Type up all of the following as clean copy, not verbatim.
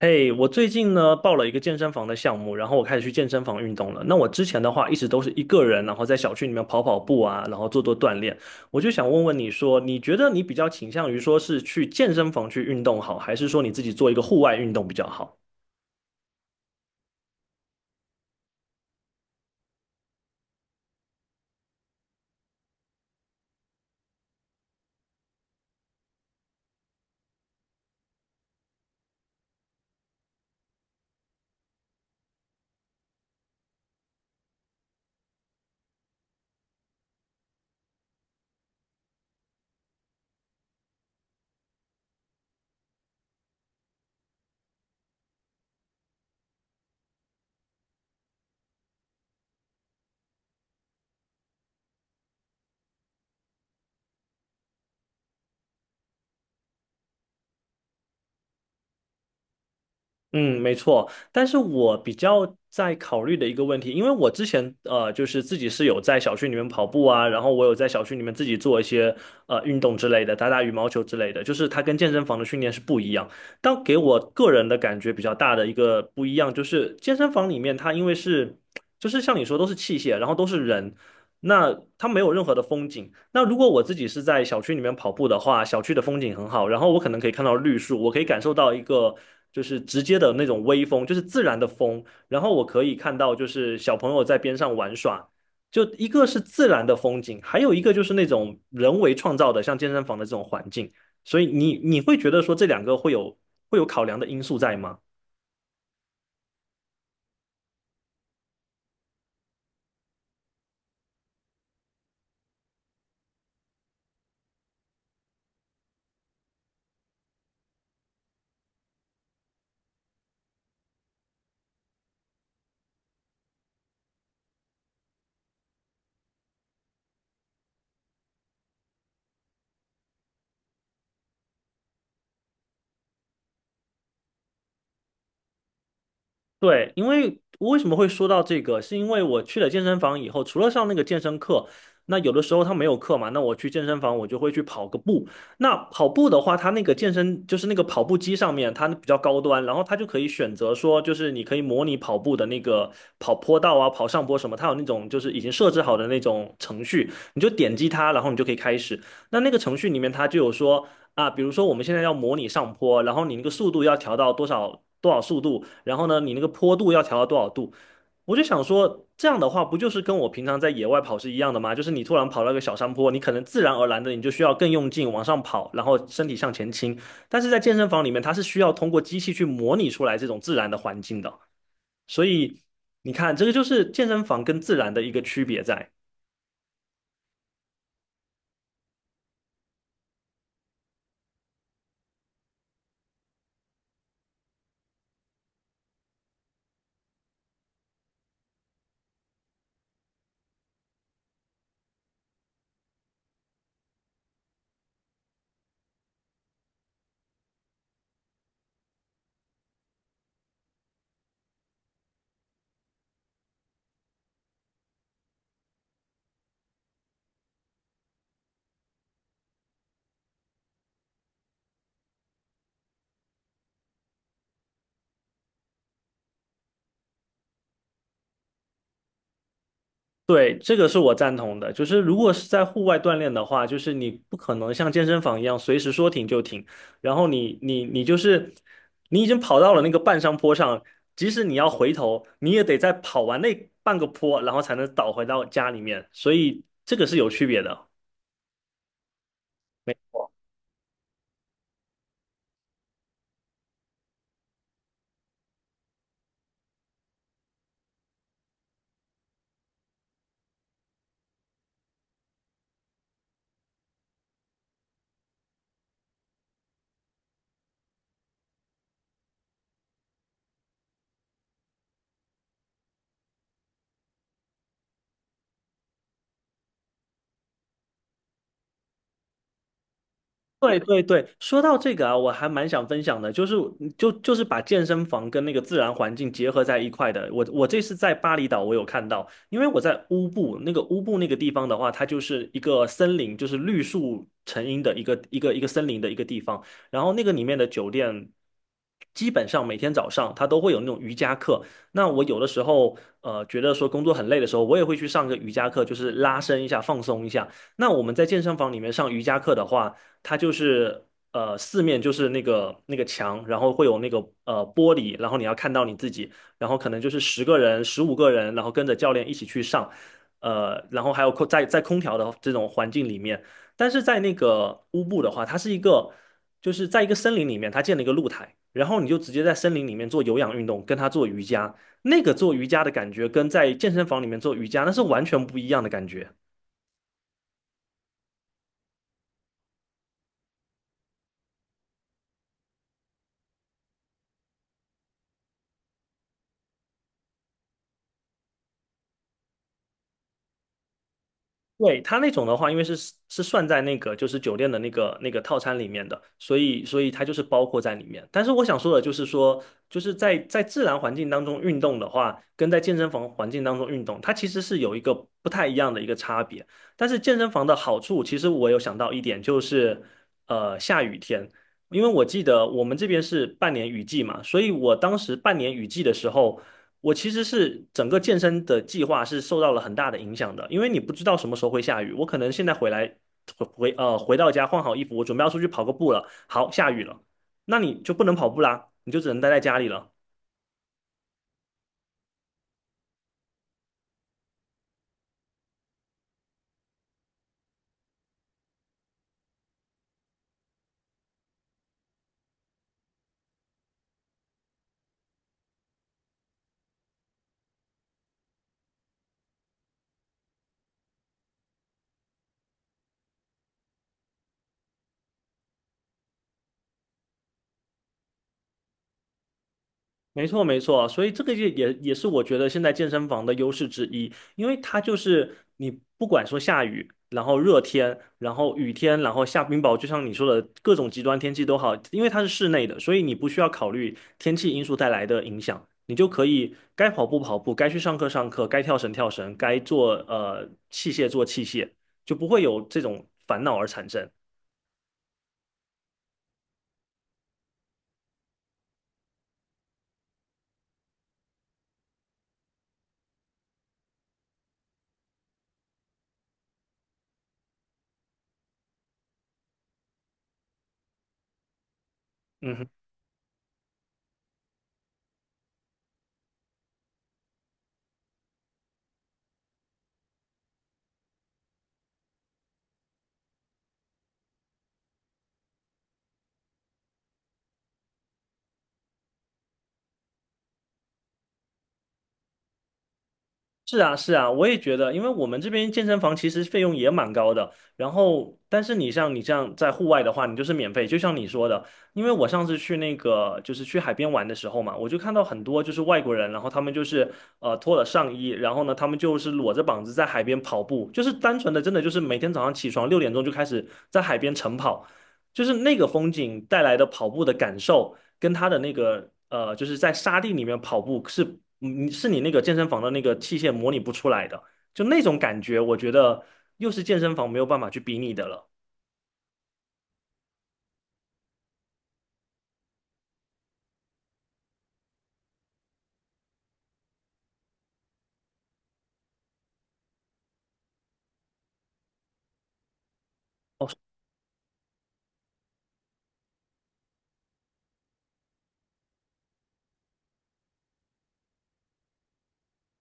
嘿，我最近呢报了一个健身房的项目，然后我开始去健身房运动了。那我之前的话一直都是一个人，然后在小区里面跑跑步啊，然后做做锻炼。我就想问问你说，你觉得你比较倾向于说是去健身房去运动好，还是说你自己做一个户外运动比较好？嗯，没错，但是我比较在考虑的一个问题，因为我之前就是自己是有在小区里面跑步啊，然后我有在小区里面自己做一些运动之类的，打打羽毛球之类的，就是它跟健身房的训练是不一样。但给我个人的感觉比较大的一个不一样，就是健身房里面它因为是，就是像你说都是器械，然后都是人，那它没有任何的风景。那如果我自己是在小区里面跑步的话，小区的风景很好，然后我可能可以看到绿树，我可以感受到一个就是直接的那种微风，就是自然的风，然后我可以看到就是小朋友在边上玩耍。就一个是自然的风景，还有一个就是那种人为创造的，像健身房的这种环境。所以你会觉得说这两个会有考量的因素在吗？对，因为为什么会说到这个，是因为我去了健身房以后，除了上那个健身课，那有的时候他没有课嘛，那我去健身房我就会去跑个步。那跑步的话，他那个健身就是那个跑步机上面，它比较高端，然后它就可以选择说，就是你可以模拟跑步的那个跑坡道啊、跑上坡什么，它有那种就是已经设置好的那种程序，你就点击它，然后你就可以开始。那那个程序里面它就有说。啊，比如说我们现在要模拟上坡，然后你那个速度要调到多少多少速度，然后呢，你那个坡度要调到多少度。我就想说，这样的话不就是跟我平常在野外跑是一样的吗？就是你突然跑到一个小山坡，你可能自然而然的你就需要更用劲往上跑，然后身体向前倾。但是在健身房里面，它是需要通过机器去模拟出来这种自然的环境的。所以你看，这个就是健身房跟自然的一个区别在。对，这个是我赞同的。就是如果是在户外锻炼的话，就是你不可能像健身房一样随时说停就停，然后你就是已经跑到了那个半山坡上，即使你要回头，你也得再跑完那半个坡，然后才能倒回到家里面。所以这个是有区别的。对对对，说到这个啊，我还蛮想分享的，就是把健身房跟那个自然环境结合在一块的。我这次在巴厘岛，我有看到，因为我在乌布那个地方的话，它就是一个森林，就是绿树成荫的一个森林的一个地方。然后那个里面的酒店，基本上每天早上它都会有那种瑜伽课。那我有的时候觉得说工作很累的时候，我也会去上个瑜伽课，就是拉伸一下，放松一下。那我们在健身房里面上瑜伽课的话。它就是四面就是那个墙，然后会有那个玻璃，然后你要看到你自己，然后可能就是10个人、15个人，然后跟着教练一起去上，然后还有空在空调的这种环境里面，但是在那个乌布的话，它是一个就是在一个森林里面，它建了一个露台，然后你就直接在森林里面做有氧运动，跟他做瑜伽，那个做瑜伽的感觉跟在健身房里面做瑜伽那是完全不一样的感觉。对，它那种的话，因为是算在那个就是酒店的那个套餐里面的，所以它就是包括在里面。但是我想说的就是说，就是在自然环境当中运动的话，跟在健身房环境当中运动，它其实是有一个不太一样的一个差别。但是健身房的好处，其实我有想到一点，就是下雨天，因为我记得我们这边是半年雨季嘛，所以我当时半年雨季的时候。我其实是整个健身的计划是受到了很大的影响的，因为你不知道什么时候会下雨。我可能现在回来回回呃回到家换好衣服，我准备要出去跑个步了，好，下雨了，那你就不能跑步啦，你就只能待在家里了。没错，没错，所以这个也是我觉得现在健身房的优势之一，因为它就是你不管说下雨，然后热天，然后雨天，然后下冰雹，就像你说的各种极端天气都好，因为它是室内的，所以你不需要考虑天气因素带来的影响，你就可以该跑步跑步，该去上课上课，该跳绳跳绳，该做器械做器械，就不会有这种烦恼而产生。嗯哼。是啊，是啊，我也觉得，因为我们这边健身房其实费用也蛮高的。然后，但是你像你这样在户外的话，你就是免费，就像你说的。因为我上次去那个就是去海边玩的时候嘛，我就看到很多就是外国人，然后他们就是脱了上衣，然后呢他们就是裸着膀子在海边跑步，就是单纯的真的就是每天早上起床6点钟就开始在海边晨跑，就是那个风景带来的跑步的感受。跟他的那个就是在沙地里面跑步是，你是你那个健身房的那个器械模拟不出来的，就那种感觉，我觉得又是健身房没有办法去比拟的了。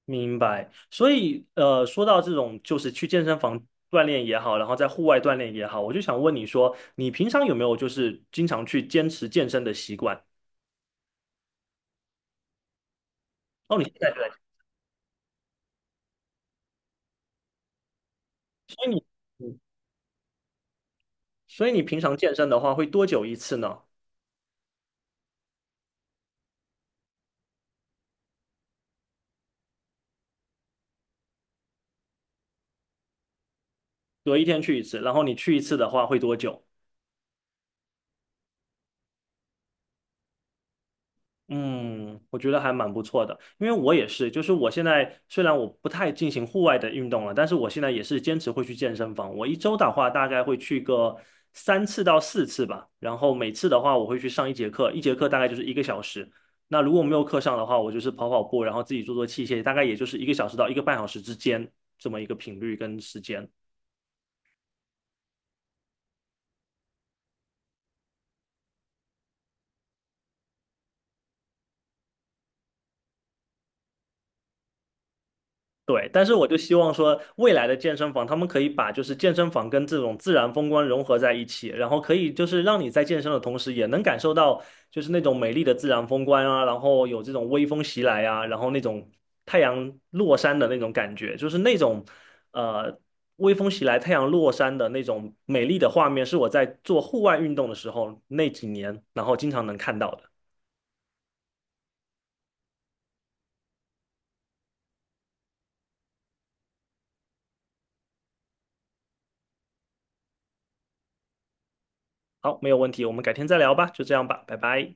明白。所以说到这种就是去健身房锻炼也好，然后在户外锻炼也好，我就想问你说，你平常有没有就是经常去坚持健身的习惯？哦，你现在对，所以你，嗯所以你平常健身的话会多久一次呢？比如一天去一次，然后你去一次的话会多久？嗯，我觉得还蛮不错的，因为我也是，就是我现在虽然我不太进行户外的运动了，但是我现在也是坚持会去健身房。我一周的话，大概会去个3次到4次吧，然后每次的话，我会去上一节课，一节课大概就是一个小时。那如果没有课上的话，我就是跑跑步，然后自己做做器械，大概也就是一个小时到一个半小时之间这么一个频率跟时间。对，但是我就希望说，未来的健身房他们可以把就是健身房跟这种自然风光融合在一起，然后可以就是让你在健身的同时，也能感受到就是那种美丽的自然风光啊，然后有这种微风袭来啊，然后那种太阳落山的那种感觉，就是那种呃微风袭来、太阳落山的那种美丽的画面，是我在做户外运动的时候那几年，然后经常能看到的。好，没有问题，我们改天再聊吧，就这样吧，拜拜。